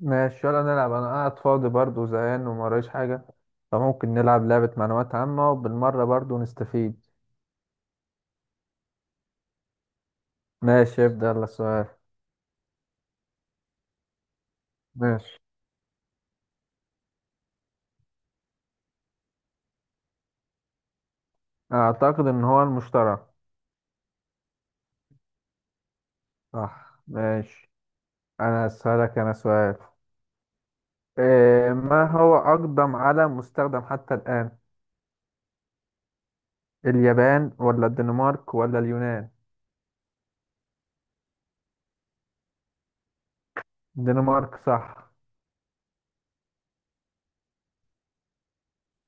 ماشي، يلا نلعب. انا قاعد فاضي برضه زهقان وما ورايش حاجه، فممكن نلعب لعبه معلومات عامه وبالمره برضه نستفيد. ماشي ابدا، يلا السؤال. ماشي. اعتقد ان هو المشترى. صح ماشي. انا اسالك انا سؤال. إيه ما هو اقدم علم مستخدم حتى الان؟ اليابان ولا الدنمارك ولا اليونان؟ الدنمارك صح.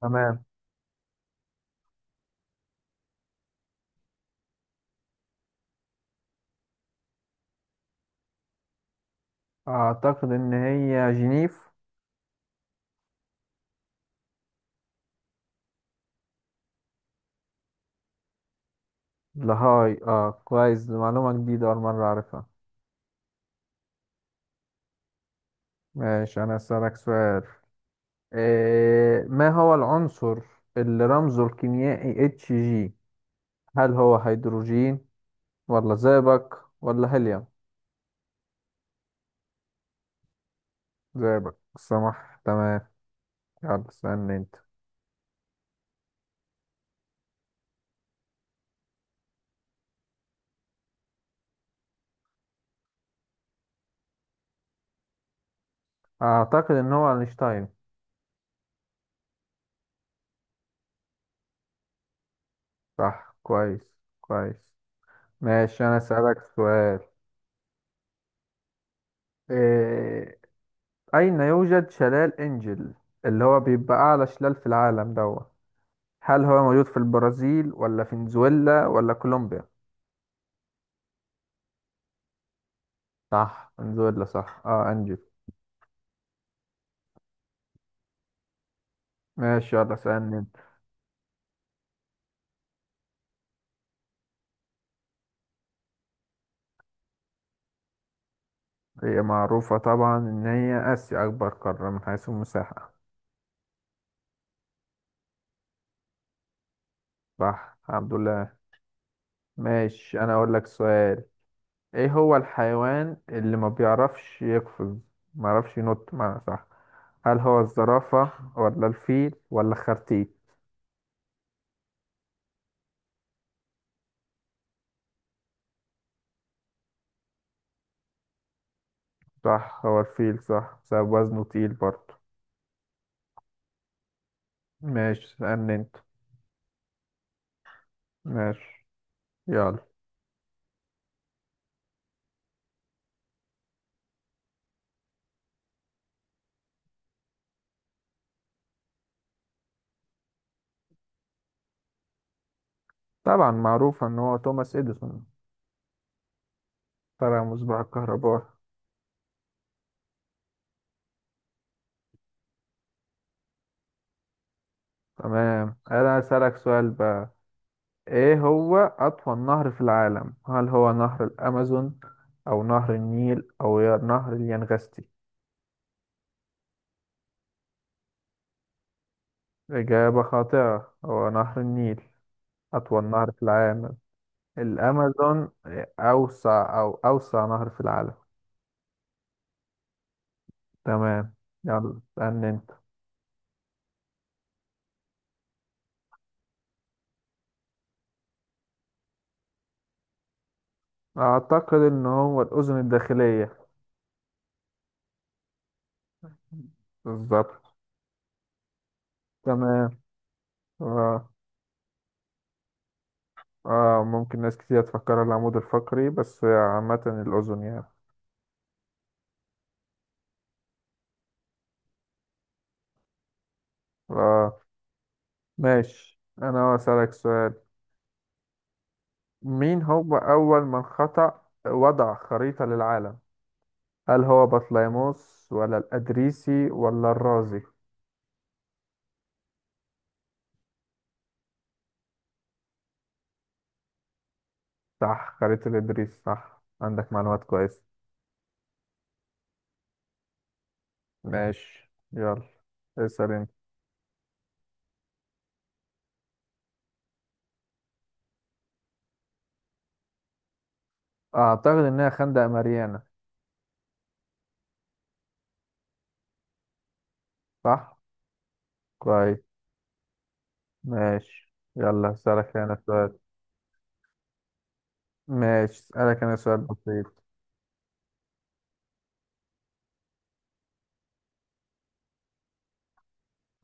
تمام. اعتقد ان هي جنيف. لهاي، اه كويس، دي معلومه جديده اول مره اعرفها. ماشي أنا أسألك سؤال. إيه ما هو العنصر اللي رمزه الكيميائي اتش جي؟ هل هو هيدروجين ولا زئبق ولا هيليوم؟ زئبق، سمح تمام. يلا اسألني أنت. أعتقد إن هو أينشتاين. صح، كويس كويس. ماشي أنا أسألك سؤال. إيه أين يوجد شلال إنجل اللي هو بيبقى أعلى شلال في العالم دوت؟ هل هو موجود في البرازيل ولا فنزويلا ولا كولومبيا؟ صح، فنزويلا صح، اه انجو. ماشي يلا سألني انت. هي معروفة طبعا ان هي اسيا، اكبر قارة من حيث المساحة. صح، الحمد لله. ماشي انا اقول لك سؤال. ايه هو الحيوان اللي ما بيعرفش يقفز، ما يعرفش ينط، معنى صح؟ هل هو الزرافة ولا الفيل ولا الخرتيت؟ صح، هو الفيل صح، بسبب وزنه تقيل برضه. ماشي سألني انت. ماشي يلا. طبعا معروف ان هو توماس اديسون، طلع مصباح الكهرباء. تمام، انا اسالك سؤال بقى. ايه هو اطول نهر في العالم؟ هل هو نهر الامازون او نهر النيل او نهر اليانغستي؟ اجابه خاطئه، هو نهر النيل اطول نهر في العالم. الامازون اوسع، او اوسع نهر في العالم. تمام. يلا اسالني انت. اعتقد ان هو الاذن الداخليه. بالظبط. تمام. اه. اه، ممكن ناس كتير تفكر العمود الفقري، بس عامه الاذن يعني. اه. ماشي أنا أسألك سؤال. مين هو أول من خطأ وضع خريطة للعالم؟ هل هو بطليموس ولا الإدريسي ولا الرازي؟ صح، خريطة الإدريس صح، عندك معلومات كويسة. ماشي يلا اسأل أنت. أعتقد إنها خندق ماريانا. صح؟ كويس. ماشي يلا أسألك أنا سؤال. ماشي أسألك أنا سؤال بسيط.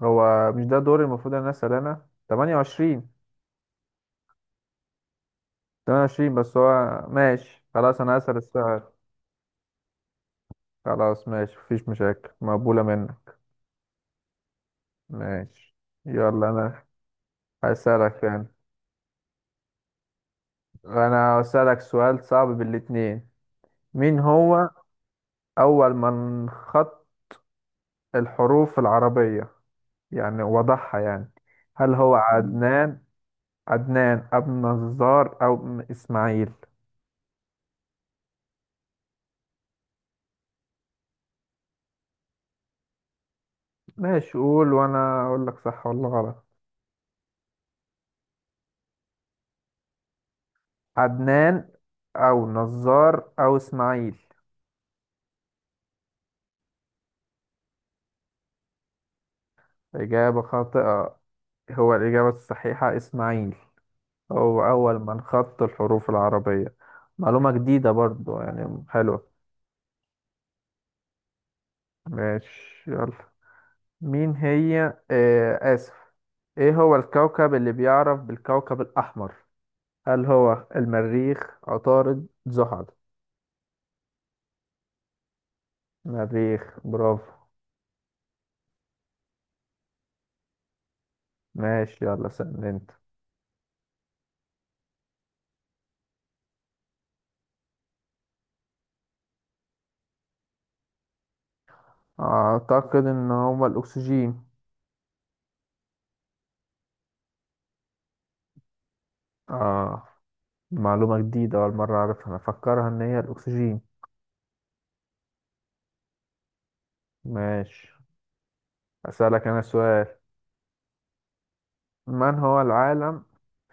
هو مش ده دوري المفروض إن أنا أسأل أنا؟ 28. 28 بس. هو ماشي خلاص، أنا أسأل السؤال. خلاص ماشي، مفيش مشاكل، مقبولة منك. ماشي يلا. أنا هسألك يعني، أنا هسألك سؤال صعب بالاتنين. مين هو أول من خط الحروف العربية، يعني وضحها يعني؟ هل هو عدنان، عدنان أبو النجار، أو إسماعيل؟ ماشي قول وأنا أقول لك صح ولا غلط. عدنان أو نزار أو إسماعيل. إجابة خاطئة، هو الإجابة الصحيحة إسماعيل، هو أول من خط الحروف العربية. معلومة جديدة برضو يعني، حلوة. ماشي يلا. مين هي آه آسف. إيه هو الكوكب اللي بيعرف بالكوكب الأحمر؟ هل هو المريخ، عطارد، زحل؟ مريخ، برافو. ماشي يلا سأل أنت. أعتقد إن هو الأكسجين. آه، معلومة جديدة أول مرة أعرفها، أنا أفكرها إن هي الأكسجين. ماشي أسألك أنا سؤال. من هو العالم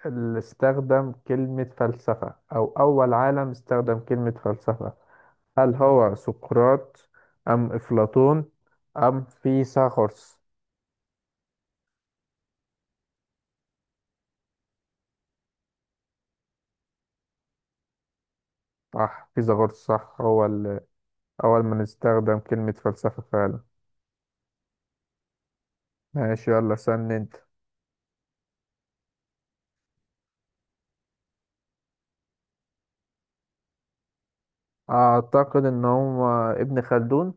اللي استخدم كلمة فلسفة، أو أول عالم استخدم كلمة فلسفة؟ هل هو سقراط أم أفلاطون أم فيثاغورس؟ صح، فيثاغورس صح، هو اللي أول من استخدم كلمة فلسفة فعلا. ماشي يلا سن أنت. أعتقد إن هو ابن خلدون.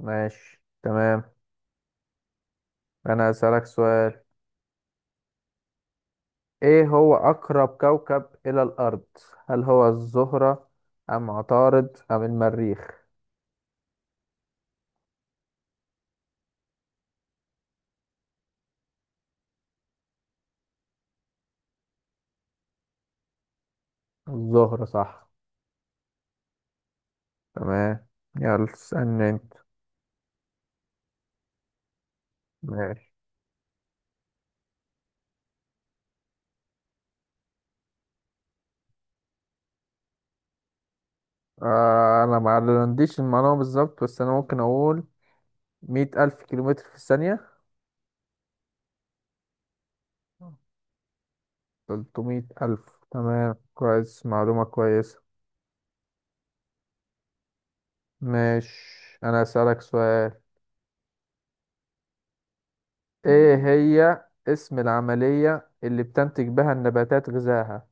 ماشي تمام. أنا هسألك سؤال. ايه هو اقرب كوكب الى الارض؟ هل هو الزهرة ام عطارد ام المريخ؟ الزهرة صح. تمام. يلا اسألني انت. ماشي. آه انا ما عنديش المعلومة بالظبط، بس انا ممكن اقول 100 ألف كيلومتر في الثانية. 300 ألف، تمام كويس، معلومة كويسة. ماشي انا اسألك سؤال. ايه هي اسم العملية اللي بتنتج بها النباتات غذائها؟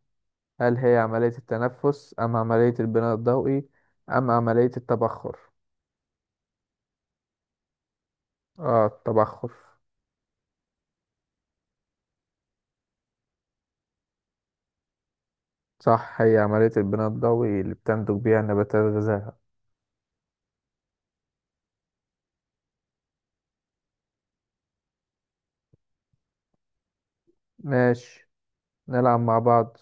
هل هي عملية التنفس أم عملية البناء الضوئي أم عملية التبخر؟ اه التبخر. صح، هي عملية البناء الضوئي اللي بتنتج بيها النباتات غذائها. ماشي، نلعب مع بعض.